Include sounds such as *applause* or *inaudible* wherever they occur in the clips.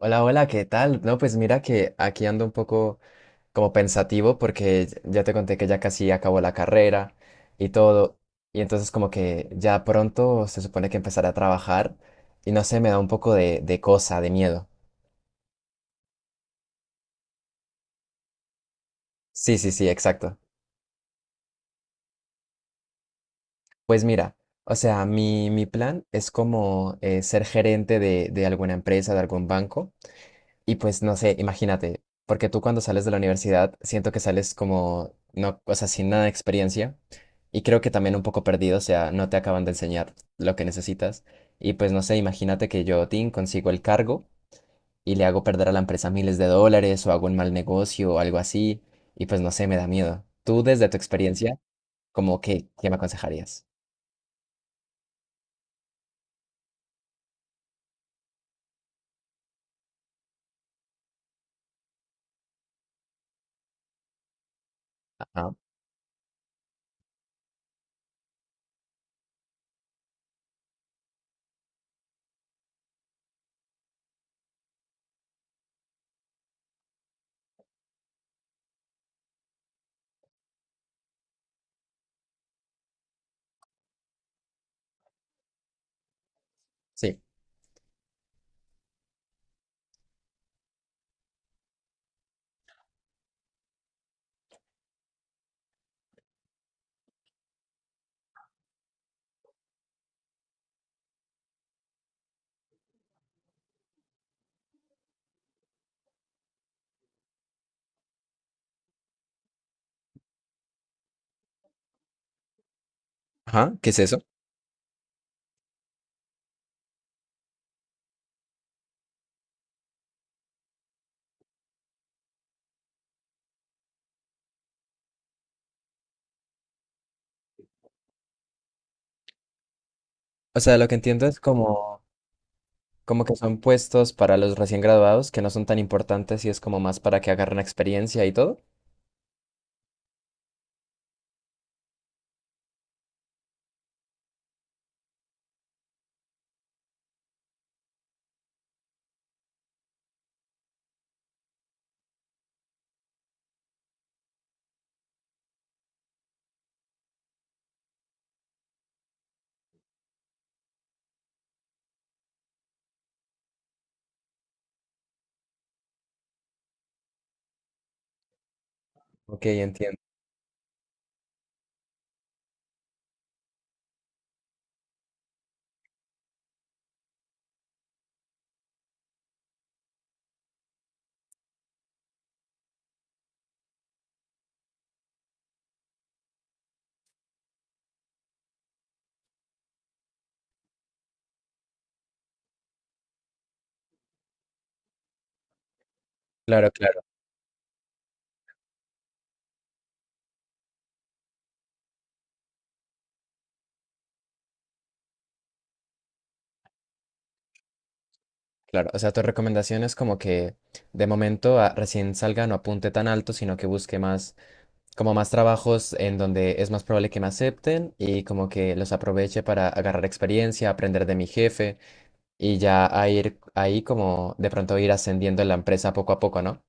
Hola, hola, ¿qué tal? No, pues mira que aquí ando un poco como pensativo porque ya te conté que ya casi acabó la carrera y todo. Y entonces como que ya pronto se supone que empezaré a trabajar y no sé, me da un poco de cosa, de miedo. Sí, sí, sí, exacto. Pues mira, o sea, mi plan es como ser gerente de alguna empresa, de algún banco. Y pues no sé, imagínate, porque tú cuando sales de la universidad siento que sales como, no, o sea, sin nada de experiencia y creo que también un poco perdido, o sea, no te acaban de enseñar lo que necesitas. Y pues no sé, imagínate que yo, Tim, consigo el cargo y le hago perder a la empresa miles de dólares o hago un mal negocio o algo así y pues no sé, me da miedo. Tú desde tu experiencia, como que, ¿qué me aconsejarías? Ajá, sí. Ajá, ¿qué es eso? O sea, lo que entiendo es como... Como que son puestos para los recién graduados que no son tan importantes y es como más para que agarren experiencia y todo. Ok, entiendo. Claro, claro, claro. O sea, tu recomendación es como que de momento recién salga no apunte tan alto, sino que busque más, como más trabajos en donde es más probable que me acepten y como que los aproveche para agarrar experiencia, aprender de mi jefe y ya a ir ahí como de pronto ir ascendiendo en la empresa poco a poco, ¿no?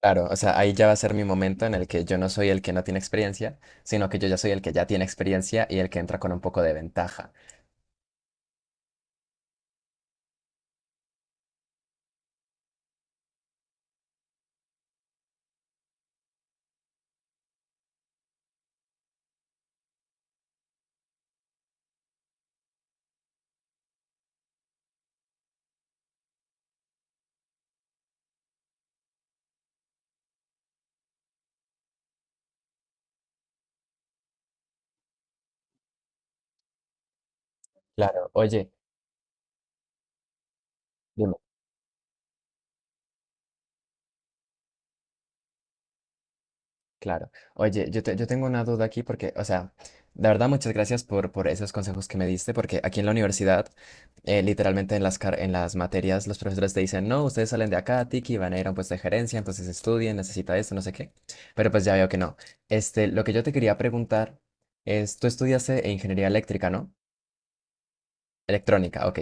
Claro, o sea, ahí ya va a ser mi momento en el que yo no soy el que no tiene experiencia, sino que yo ya soy el que ya tiene experiencia y el que entra con un poco de ventaja. Claro, oye, dime, claro. Oye, yo tengo una duda aquí porque, o sea, de verdad muchas gracias por esos consejos que me diste, porque aquí en la universidad, literalmente en las materias, los profesores te dicen, no, ustedes salen de acá, Tiki, van a ir a un puesto de gerencia, entonces estudien, necesita esto, no sé qué. Pero pues ya veo que no. Este, lo que yo te quería preguntar es, tú estudiaste ingeniería eléctrica, ¿no? Electrónica, ok.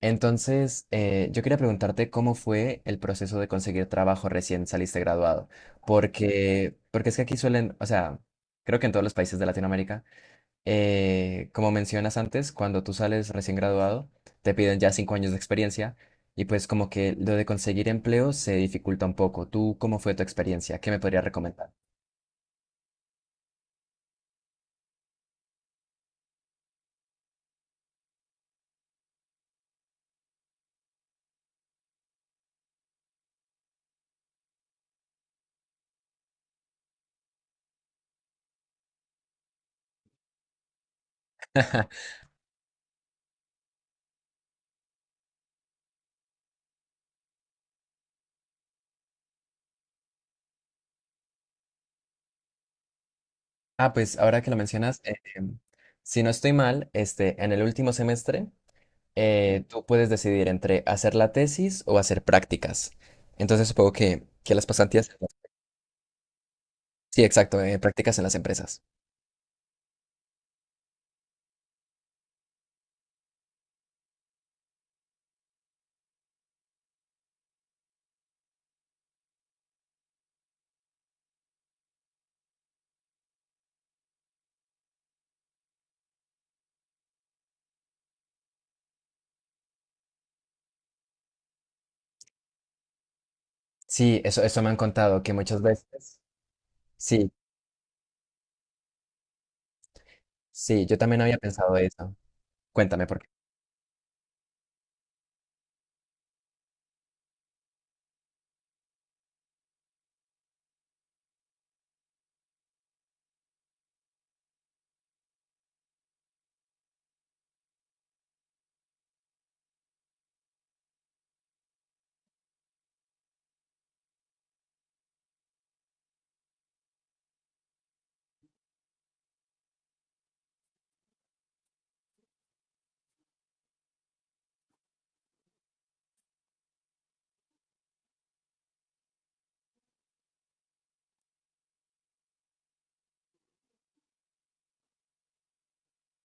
Entonces, yo quería preguntarte cómo fue el proceso de conseguir trabajo recién saliste graduado, porque es que aquí suelen, o sea, creo que en todos los países de Latinoamérica, como mencionas antes, cuando tú sales recién graduado, te piden ya 5 años de experiencia y pues como que lo de conseguir empleo se dificulta un poco. ¿Tú cómo fue tu experiencia? ¿Qué me podrías recomendar? *laughs* Ah, pues ahora que lo mencionas, si no estoy mal, este, en el último semestre tú puedes decidir entre hacer la tesis o hacer prácticas. Entonces supongo que las pasantías... Sí, exacto, prácticas en las empresas. Sí, eso me han contado, que muchas veces... Sí, sí, yo también había pensado eso. Cuéntame por qué.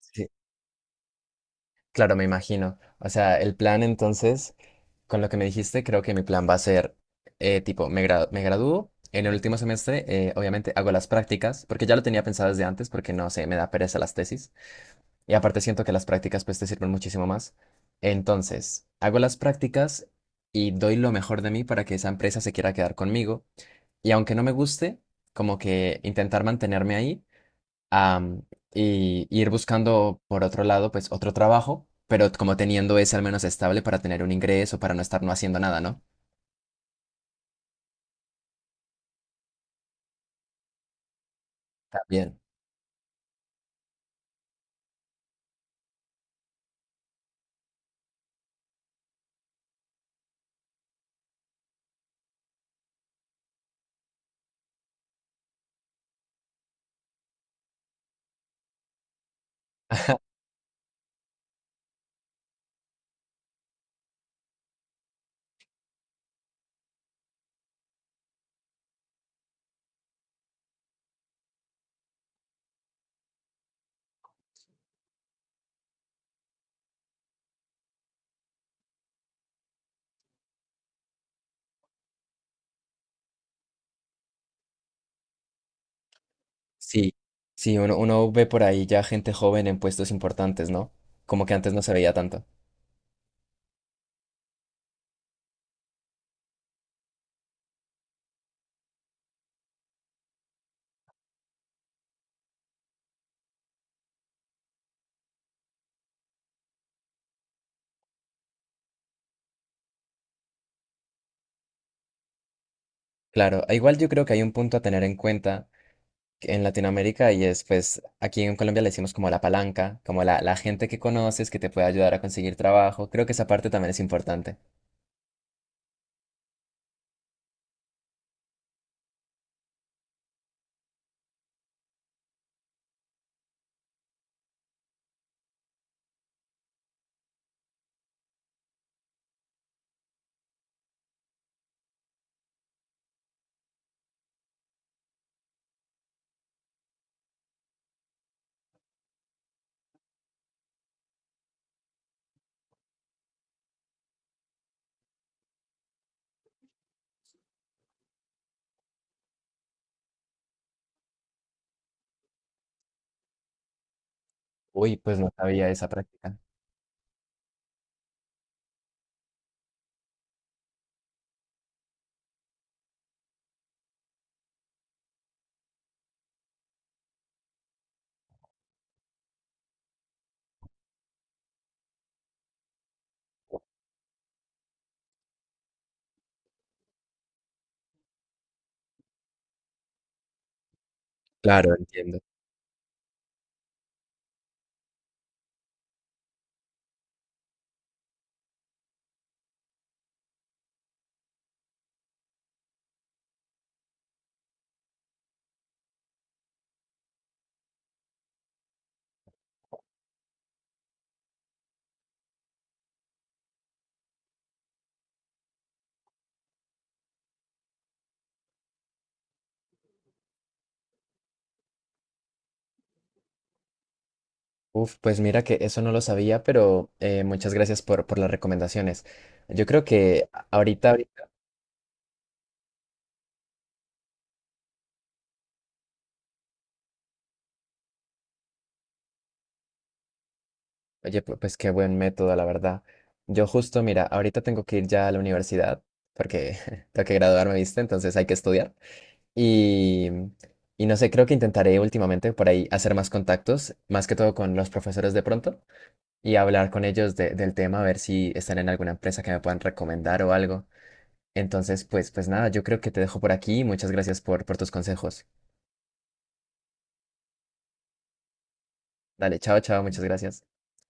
Sí, claro, me imagino. O sea, el plan entonces, con lo que me dijiste, creo que mi plan va a ser, tipo, me gradúo. En el último semestre, obviamente, hago las prácticas, porque ya lo tenía pensado desde antes, porque no sé, me da pereza las tesis. Y aparte siento que las prácticas pues te sirven muchísimo más. Entonces, hago las prácticas y doy lo mejor de mí para que esa empresa se quiera quedar conmigo. Y aunque no me guste, como que intentar mantenerme ahí am, y ir buscando por otro lado pues otro trabajo, pero como teniendo ese al menos estable para tener un ingreso, para no estar no haciendo nada, ¿no? También. Sí, sí, uno ve por ahí ya gente joven en puestos importantes, ¿no? Como que antes no se veía tanto. Claro, e igual yo creo que hay un punto a tener en cuenta en Latinoamérica y es pues aquí en Colombia le decimos como la palanca, como la gente que conoces que te puede ayudar a conseguir trabajo. Creo que esa parte también es importante. Uy, pues no sabía esa práctica. Claro, entiendo. Uf, pues mira que eso no lo sabía, pero muchas gracias por las recomendaciones. Yo creo que oye, pues qué buen método, la verdad. Yo justo, mira, ahorita tengo que ir ya a la universidad porque *laughs* tengo que graduarme, ¿viste? Entonces hay que estudiar. Y, y no sé, creo que intentaré últimamente por ahí hacer más contactos, más que todo con los profesores de pronto, y hablar con ellos del tema, a ver si están en alguna empresa que me puedan recomendar o algo. Entonces, pues, nada, yo creo que te dejo por aquí. Y Muchas gracias por tus consejos. Dale, chao, chao, muchas gracias.